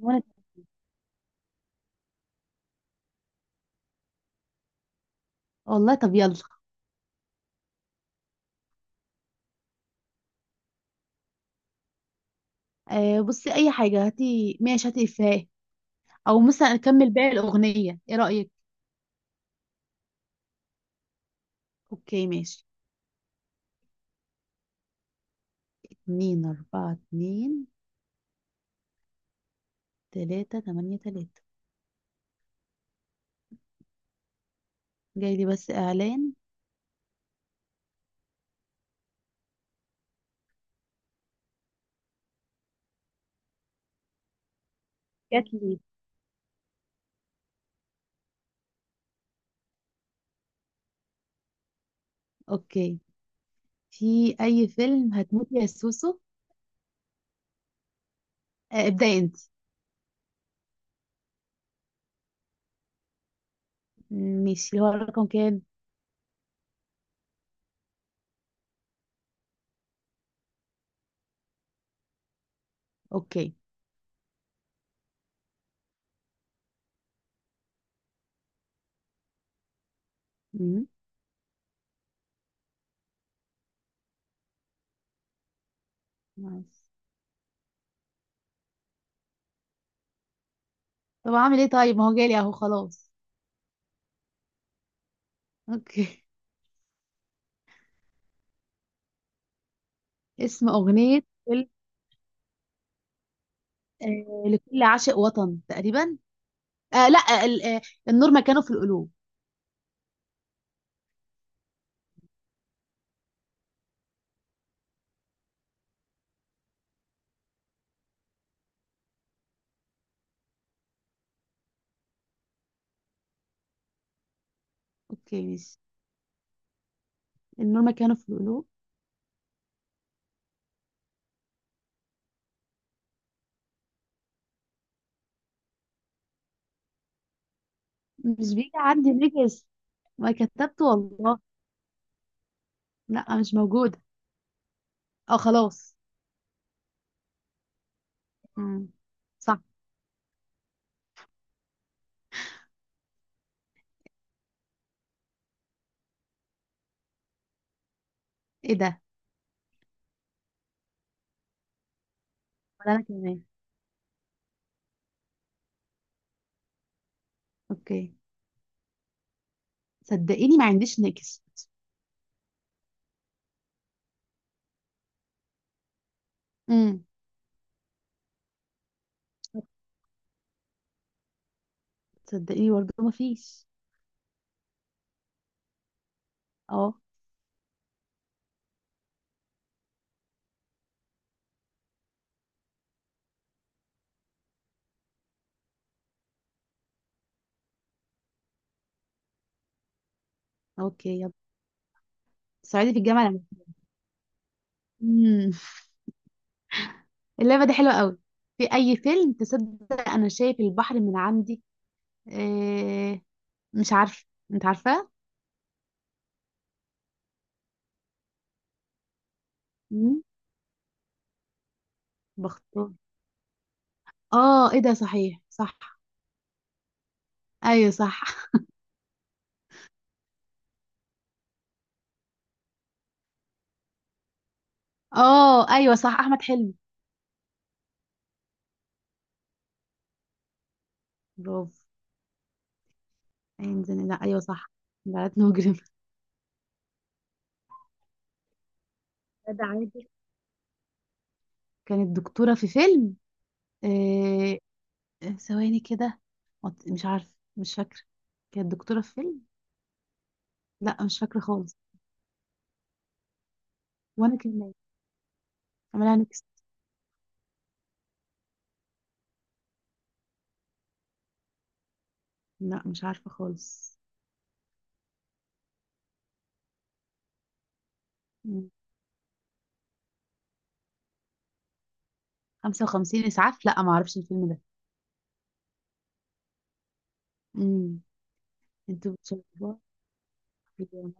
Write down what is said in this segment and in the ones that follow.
وانا. والله طب يلا. آه بصي، اي حاجه هاتي، ماشي هاتي افيه، او مثلا اكمل باقي الاغنيه، ايه رايك؟ اوكي ماشي. اتنين اربعة اتنين. تلاتة تمانية تلاتة. جاي لي بس اعلان. جات لي. اوكي. في اي فيلم هتموتي يا سوسو؟ آه ابدأي انت. ماشي، اللي هو الرقم كام؟ اوكي. مم. نايس. طب اعمل ايه طيب؟ ما هو جالي اهو خلاص. اوكي. اسم اغنيه فيلم. آه لكل عاشق وطن تقريبا. آه لا ال- آه، النور مكانه في القلوب. اوكي ماشي. النور مكانه في القلوب. مش بيجي عندي نجس. ما كتبت والله. لا مش موجودة. اه خلاص. مم. صح. ايه ده؟ ولا انا كمان. اوكي. صدقيني ما عنديش نجس. امم. صدقيني برضه ما فيش. اه. اوكي يلا. صعيدي في الجامعة الأمريكية. امم. اللعبة دي حلوة قوي. في اي فيلم تصدق انا شايف البحر من عندي؟ إيه... مش عارفة. انت عارفاه؟ مم. بختار. اه ايه ده، صحيح صح. ايوه صح اه ايوه صح، احمد حلمي. برافو. عين زين، لا ايوه صح. بلد مجرم. غادة عادل كانت دكتوره في فيلم إيه؟ ثواني كده. مش عارفه، مش فاكره. كانت دكتوره في فيلم. لا مش فاكره خالص. وانا كمان. عملها نكس. لا مش عارفه خالص. مم. 55 اسعاف، لا ما اعرفش الفيلم ده. امم. انتوا بتشربوها يا ميه،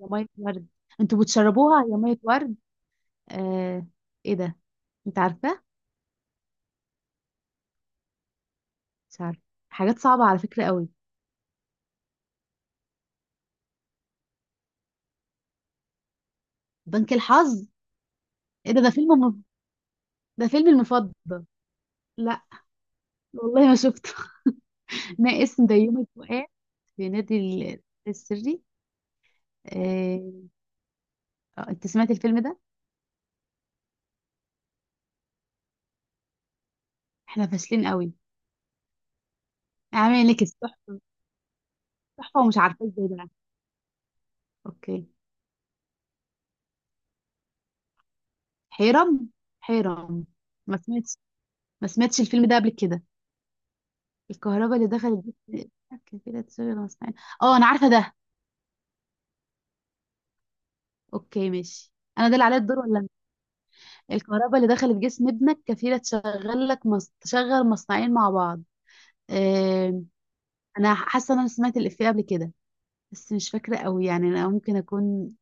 يا مية ورد. انتوا بتشربوها يا ميه ورد. آه. ايه ده؟ انت عارفه؟ مش عارفه. حاجات صعبة على فكرة قوي. بنك الحظ. ايه ده؟ ده فيلم المفضل. لا والله ما شفته ما اسم ده يوم الفؤاد. في نادي ال- السري. آه... آه، انت سمعت الفيلم ده؟ احنا فاشلين قوي. عامل لك تحفة. تحفة ومش عارفة ازاي ده. اوكي. حيرم. حيرم. ما سمعتش. ما سمعتش الفيلم ده قبل كده. الكهرباء اللي دخلت بيت- كان كده تشغل مسمعين. اه انا عارفة ده. اوكي ماشي. انا ده اللي عليا الدور ولا؟ الكهرباء اللي دخلت جسم ابنك كفيلة تشغل لك تشغل مصنعين مع بعض. آه... أنا حاسة إن أنا سمعت الإفيه قبل كده، بس مش فاكرة قوي يعني، أنا ممكن أكون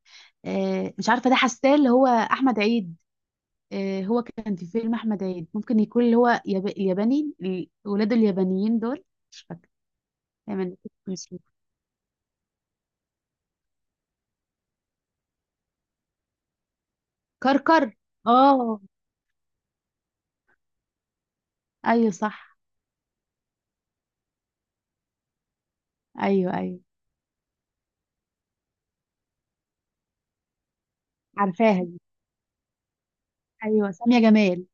آه... مش عارفة، ده حاساه اللي هو أحمد عيد. آه... هو كان في فيلم أحمد عيد، ممكن يكون اللي هو ياباني ولاده اليابانيين دول. مش فاكرة. دايما نسيت. كركر. آه أيوه صح. أيوه أيوه. عارفاها دي. أيوه سامية جمال.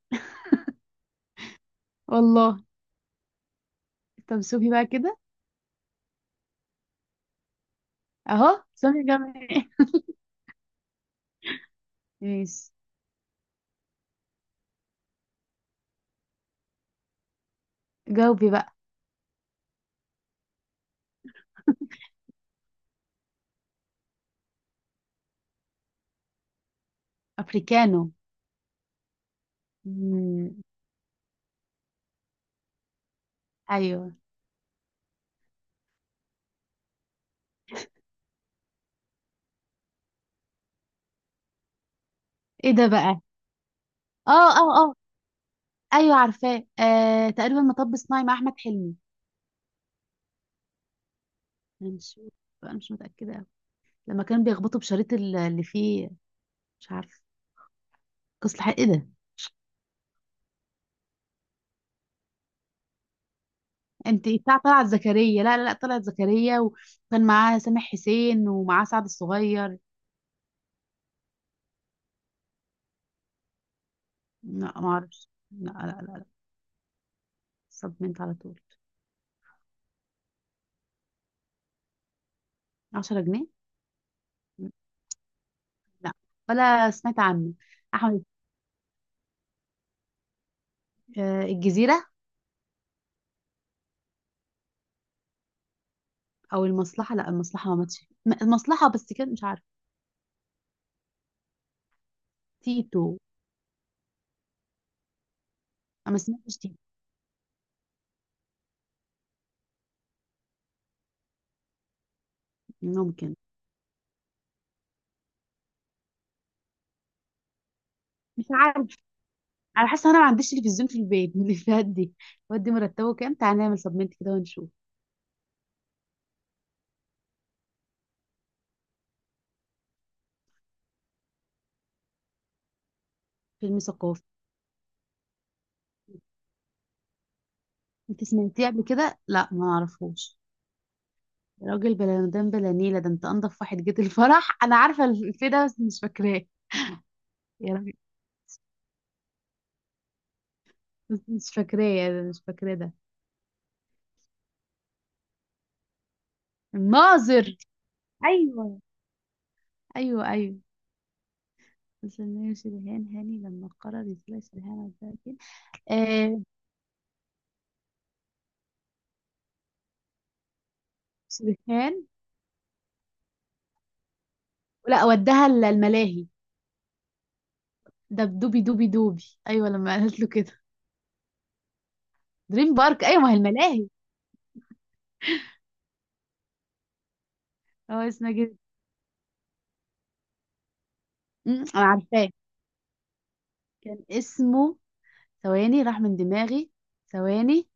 والله. طب شوفي بقى كده. أهو سامية جمال. ماشي جاوبي بقى. افريكانو. مم. ايوه. ايه ده بقى؟ اه اه اه. ايوه عارفاه، آه تقريبا مطب صناعي مع احمد حلمي. هنشوف بقى، مش متاكده أوي. لما كانوا بيخبطوا بشريط ال- اللي فيه. مش عارفه. قصة الحق، ايه ده؟ انت بتاع طلعت زكريا، لا لا لا، طلعت زكريا وكان معاه سامح حسين ومعاه سعد الصغير. لا ما اعرفش، لا لا لا. صدمت على طول. 10 جنيه. لا ولا سمعت عنه. احمد، آه الجزيرة. او المصلحه، لا المصلحه ما ماتش، المصلحه بس كانت مش عارفه. تيتو. انا ما سمعتش تيتو. ممكن. مش عارف. انا حاسه انا ما عنديش تلفزيون في البيت من الافيهات دي. ودي مرتبه كام؟ تعالى نعمل سبمنت كده ونشوف. فيلم ثقافي. انت سمعتيه قبل كده؟ لا ما نعرفوش. يا راجل بلا مدام بلا نيله، ده انت انضف واحد جيت الفرح انا عارفه الفيلم ده بس مش فاكراه. يا راجل. بس مش فاكراه، مش فاكراه ده. الناظر، ايوه ايوه ايوه. بس إنه يشبهان هاني لما قرر يسلش الهنا. سرحان. لا ودها الملاهي. ده بدوبي دوبي دوبي. ايوه لما قالت له كده. دريم بارك، ايوه ما هي الملاهي. هو اسمها كده؟ أمم، انا عارفاه. كان اسمه. ثواني راح من دماغي. ثواني.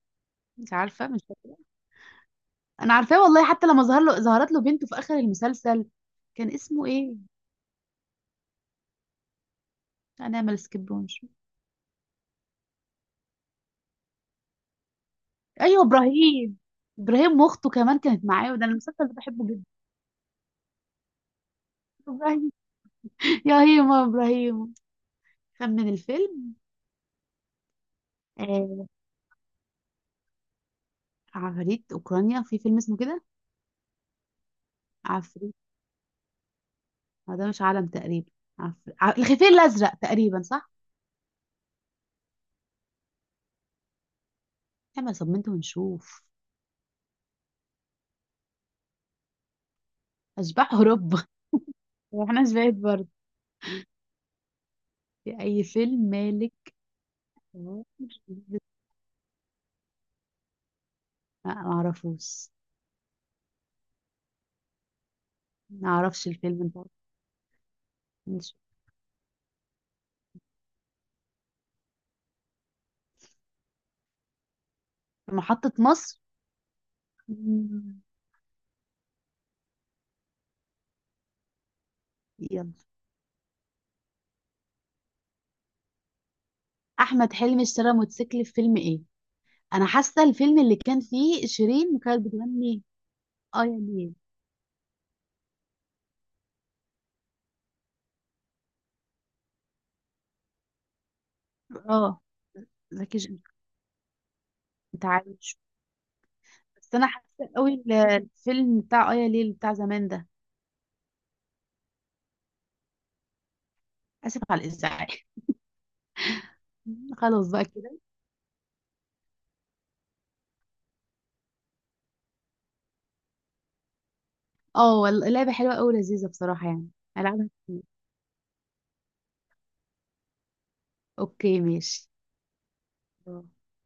مش عارفه مش فاكره. انا عارفاه والله، حتى لما ظهر له ظهرت له بنته في اخر المسلسل. كان اسمه ايه؟ انا مال سكيبونش. ايوه ابراهيم. ابراهيم واخته كمان كانت معاه، وده المسلسل ده بحبه جدا. ابراهيم. يا هيما ابراهيم. خمن الفيلم. آه، عفاريت اوكرانيا. في فيلم اسمه كده؟ عفريت. آه، ده مش عالم تقريبا. الخفير الازرق تقريبا صح. احنا صممت ونشوف. اشباح اوروبا. واحنا شباب برضه. في اي فيلم مالك؟ لا ما اعرفوش. ما اعرفش الفيلم ده. نشوف. في محطة مصر. مم. يلا. احمد حلمي اشترى موتوسيكل في فيلم ايه؟ انا حاسه الفيلم اللي كان فيه شيرين وكانت بتغني اه يا ليل. اه زكي شان. انت عارف؟ بس انا حاسه قوي الفيلم بتاع ايا ليل بتاع زمان ده. اسف على الازعاج. خلاص بقى كده. اه والله اللعبه حلوه قوي، لذيذه بصراحه يعني. العبها كتير. اوكي ماشي.